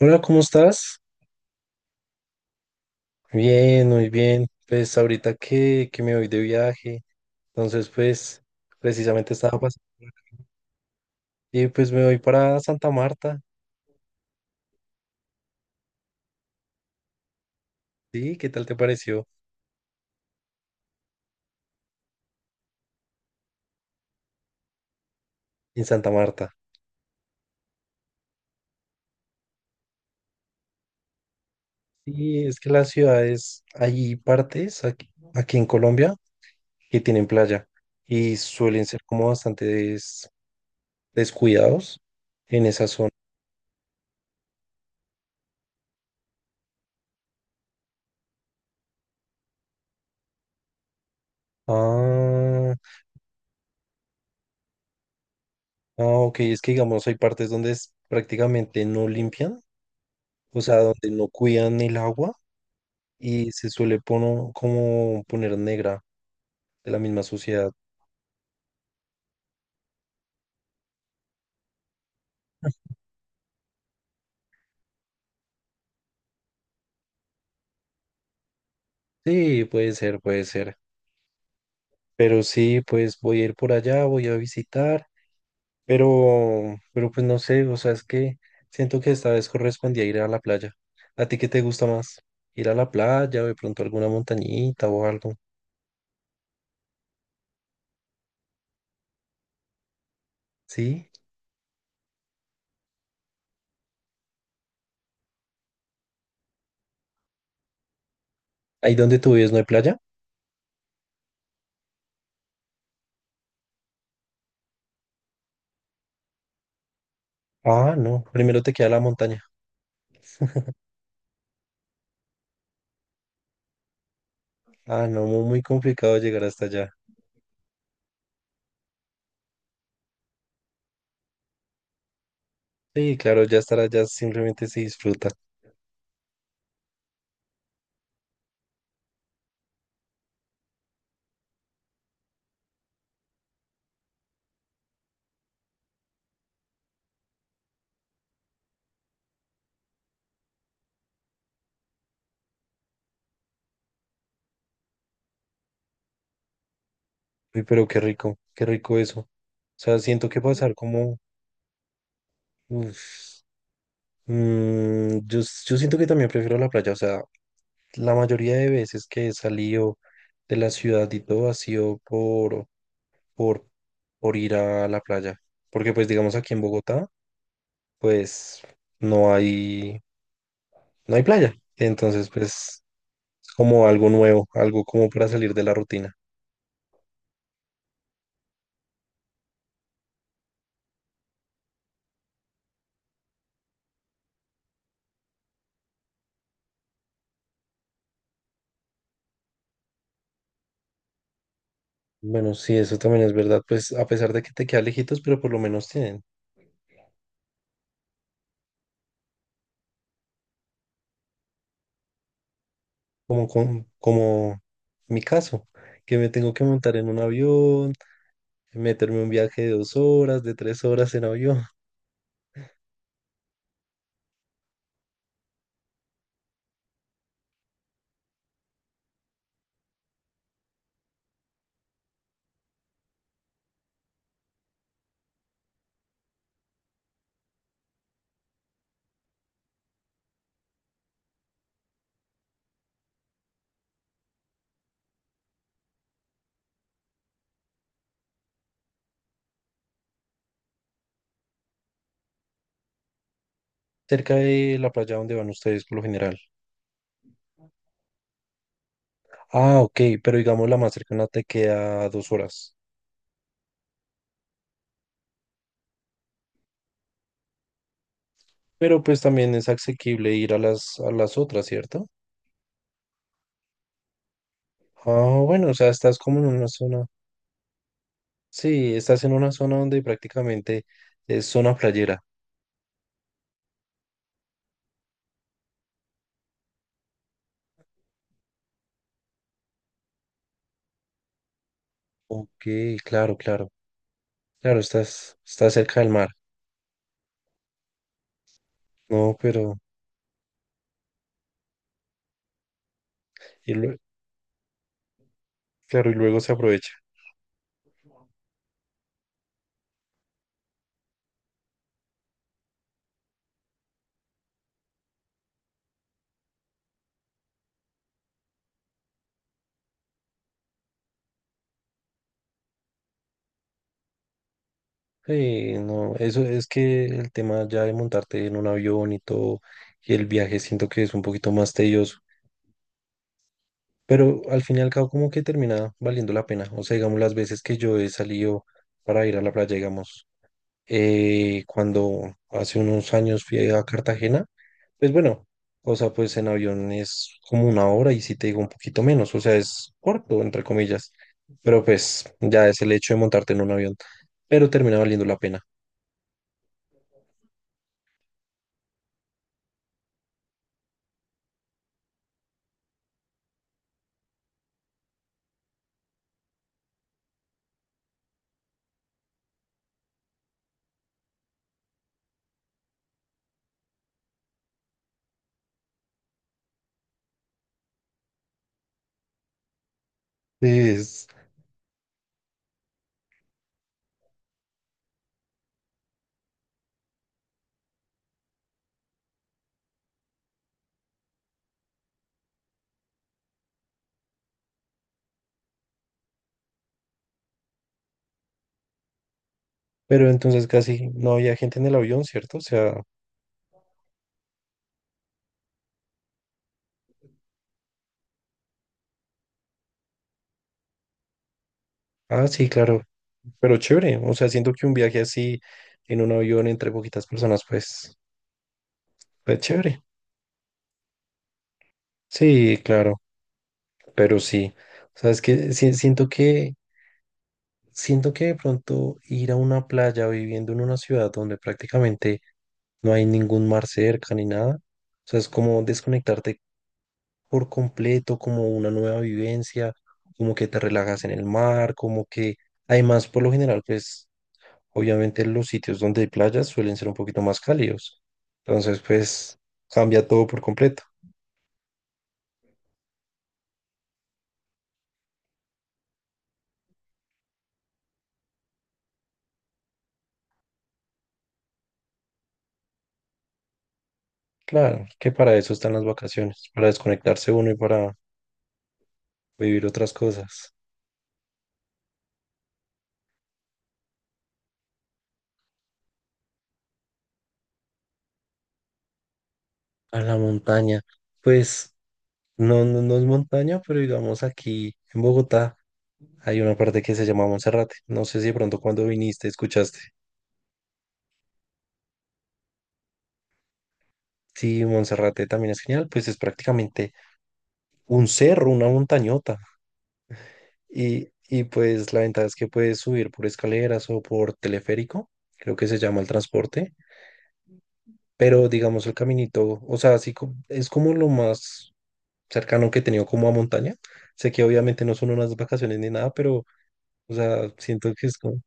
Hola, ¿cómo estás? Bien, muy bien. Pues ahorita que me voy de viaje, entonces pues precisamente estaba pasando y pues me voy para Santa Marta. ¿Sí? ¿Qué tal te pareció en Santa Marta? Sí, es que las ciudades, hay partes aquí, aquí en Colombia que tienen playa y suelen ser como bastante descuidados en esa zona. Ah, ah, ok, es que digamos hay partes donde prácticamente no limpian, o sea, donde no cuidan el agua y se suele como poner negra de la misma sociedad. Sí, puede ser, puede ser. Pero sí, pues voy a ir por allá, voy a visitar, pero pues no sé, o sea, es que siento que esta vez correspondía ir a la playa. ¿A ti qué te gusta más? ¿Ir a la playa o de pronto alguna montañita o algo? ¿Sí? ¿Ahí donde tú vives no hay playa? Ah, no, primero te queda la montaña. Ah, no, muy, muy complicado llegar hasta allá. Sí, claro, ya estar allá simplemente se disfruta. Uy, pero qué rico eso. O sea, siento que pasar como uf. Mm, yo, yo siento que también prefiero la playa. O sea, la mayoría de veces que he salido de la ciudad y todo ha sido por, por ir a la playa. Porque pues digamos aquí en Bogotá, pues no hay, no hay playa. Entonces, pues es como algo nuevo, algo como para salir de la rutina. Bueno, sí, eso también es verdad, pues a pesar de que te queda lejitos, pero por lo menos tienen, como mi caso, que me tengo que montar en un avión, meterme un viaje de 2 horas, de 3 horas en avión, cerca de la playa donde van ustedes por lo general. Ah, ok, pero digamos la más cercana te queda 2 horas, pero pues también es asequible ir a las otras, ¿cierto? Ah, bueno, o sea, estás como en una zona, sí, estás en una zona donde prácticamente es zona playera. Ok, claro, claro. Claro, estás cerca del mar. No, pero. Y lue- claro, y luego se aprovecha. Sí, no, eso es que el tema ya de montarte en un avión y todo, y el viaje siento que es un poquito más tedioso, pero al fin y al cabo como que termina valiendo la pena. O sea, digamos, las veces que yo he salido para ir a la playa, digamos, cuando hace unos años fui a Cartagena, pues bueno, o sea, pues en avión es como 1 hora y si te digo un poquito menos, o sea, es corto, entre comillas, pero pues ya es el hecho de montarte en un avión, pero termina valiendo la pena. Es- pero entonces casi no había gente en el avión, ¿cierto? O sea, ah, sí, claro, pero chévere, o sea, siento que un viaje así en un avión entre poquitas personas, pues chévere. Sí, claro, pero sí. O sea, es que siento que de pronto ir a una playa viviendo en una ciudad donde prácticamente no hay ningún mar cerca ni nada, o sea, es como desconectarte por completo, como una nueva vivencia, como que te relajas en el mar, como que además por lo general, pues obviamente los sitios donde hay playas suelen ser un poquito más cálidos, entonces pues cambia todo por completo. Claro, que para eso están las vacaciones, para desconectarse uno y para vivir otras cosas. A la montaña, pues. No, no, no es montaña, pero digamos aquí en Bogotá hay una parte que se llama Monserrate. No sé si de pronto cuando viniste escuchaste. Sí, Monserrate también es genial, pues es prácticamente un cerro, una montañota. Y pues la ventaja es que puedes subir por escaleras o por teleférico, creo que se llama el transporte, pero digamos el caminito, o sea, así es como lo más cercano que he tenido como a montaña. Sé que obviamente no son unas vacaciones ni nada, pero, o sea, siento que es como.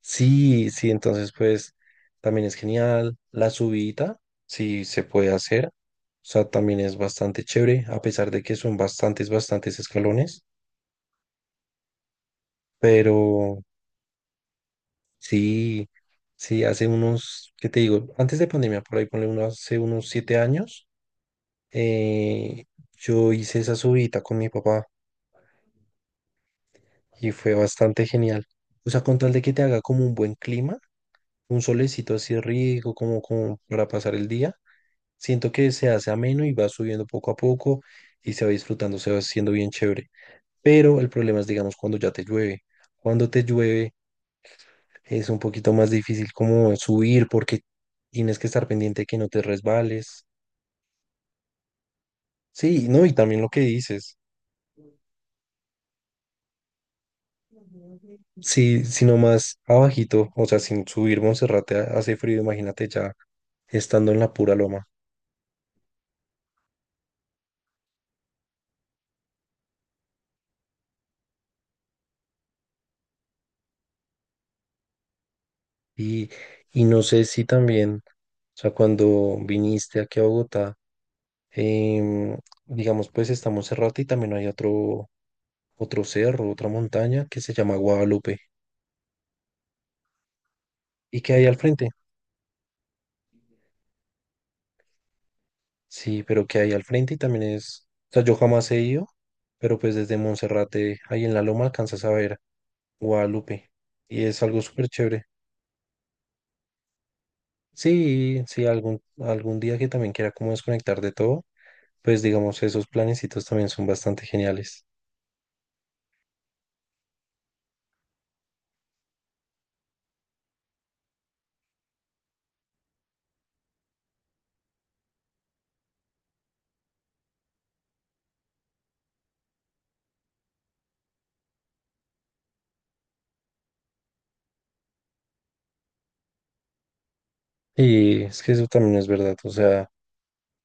Sí, sí, entonces pues también es genial. La subida, sí se puede hacer. O sea, también es bastante chévere, a pesar de que son bastantes, bastantes escalones. Pero sí, sí, hace unos, ¿qué te digo? Antes de pandemia, por ahí ponle uno, hace unos 7 años, eh, yo hice esa subida con mi papá y fue bastante genial. O sea, con tal de que te haga como un buen clima, un solecito así rico, como para pasar el día. Siento que se hace ameno y va subiendo poco a poco y se va disfrutando, se va haciendo bien chévere. Pero el problema es, digamos, cuando ya te llueve. Cuando te llueve es un poquito más difícil como subir porque tienes que estar pendiente de que no te resbales. Sí, no, y también lo que dices, sí, sino más abajito, o sea, sin subir Monserrate hace frío, imagínate ya estando en la pura loma. Y, y no sé si también, o sea, cuando viniste aquí a Bogotá, Em, digamos, pues estamos Monserrate y también hay otro cerro, otra montaña que se llama Guadalupe. ¿Y qué hay al frente? Sí, pero ¿qué hay al frente? Y también es, o sea, yo jamás he ido, pero pues desde Monserrate, ahí en la loma, alcanzas a ver Guadalupe. Y es algo súper chévere. Sí, sí, algún día que también quiera como desconectar de todo, pues digamos, esos planecitos también son bastante geniales. Y es que eso también es verdad, o sea.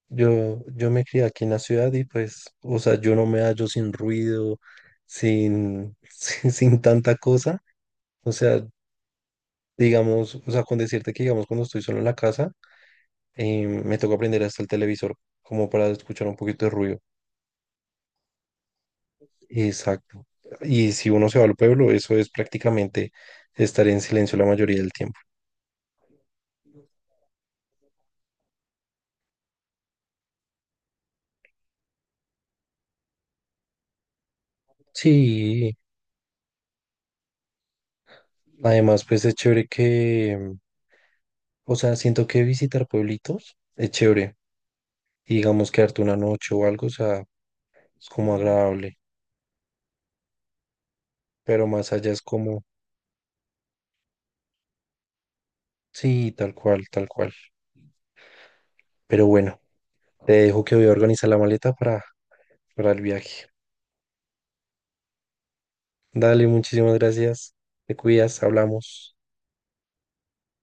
Yo me crié aquí en la ciudad y pues, o sea, yo no me hallo sin ruido, sin, sin tanta cosa. O sea, digamos, o sea, con decirte que, digamos, cuando estoy solo en la casa, me toca aprender hasta el televisor como para escuchar un poquito de ruido. Exacto. Y si uno se va al pueblo, eso es prácticamente estar en silencio la mayoría del tiempo. Sí, además, pues es chévere que, o sea, siento que visitar pueblitos es chévere. Y digamos, quedarte una noche o algo, o sea es como agradable, pero más allá es como, sí, tal cual, tal cual. Pero bueno, te dejo que voy a organizar la maleta para el viaje. Dale, muchísimas gracias. Te cuidas, hablamos.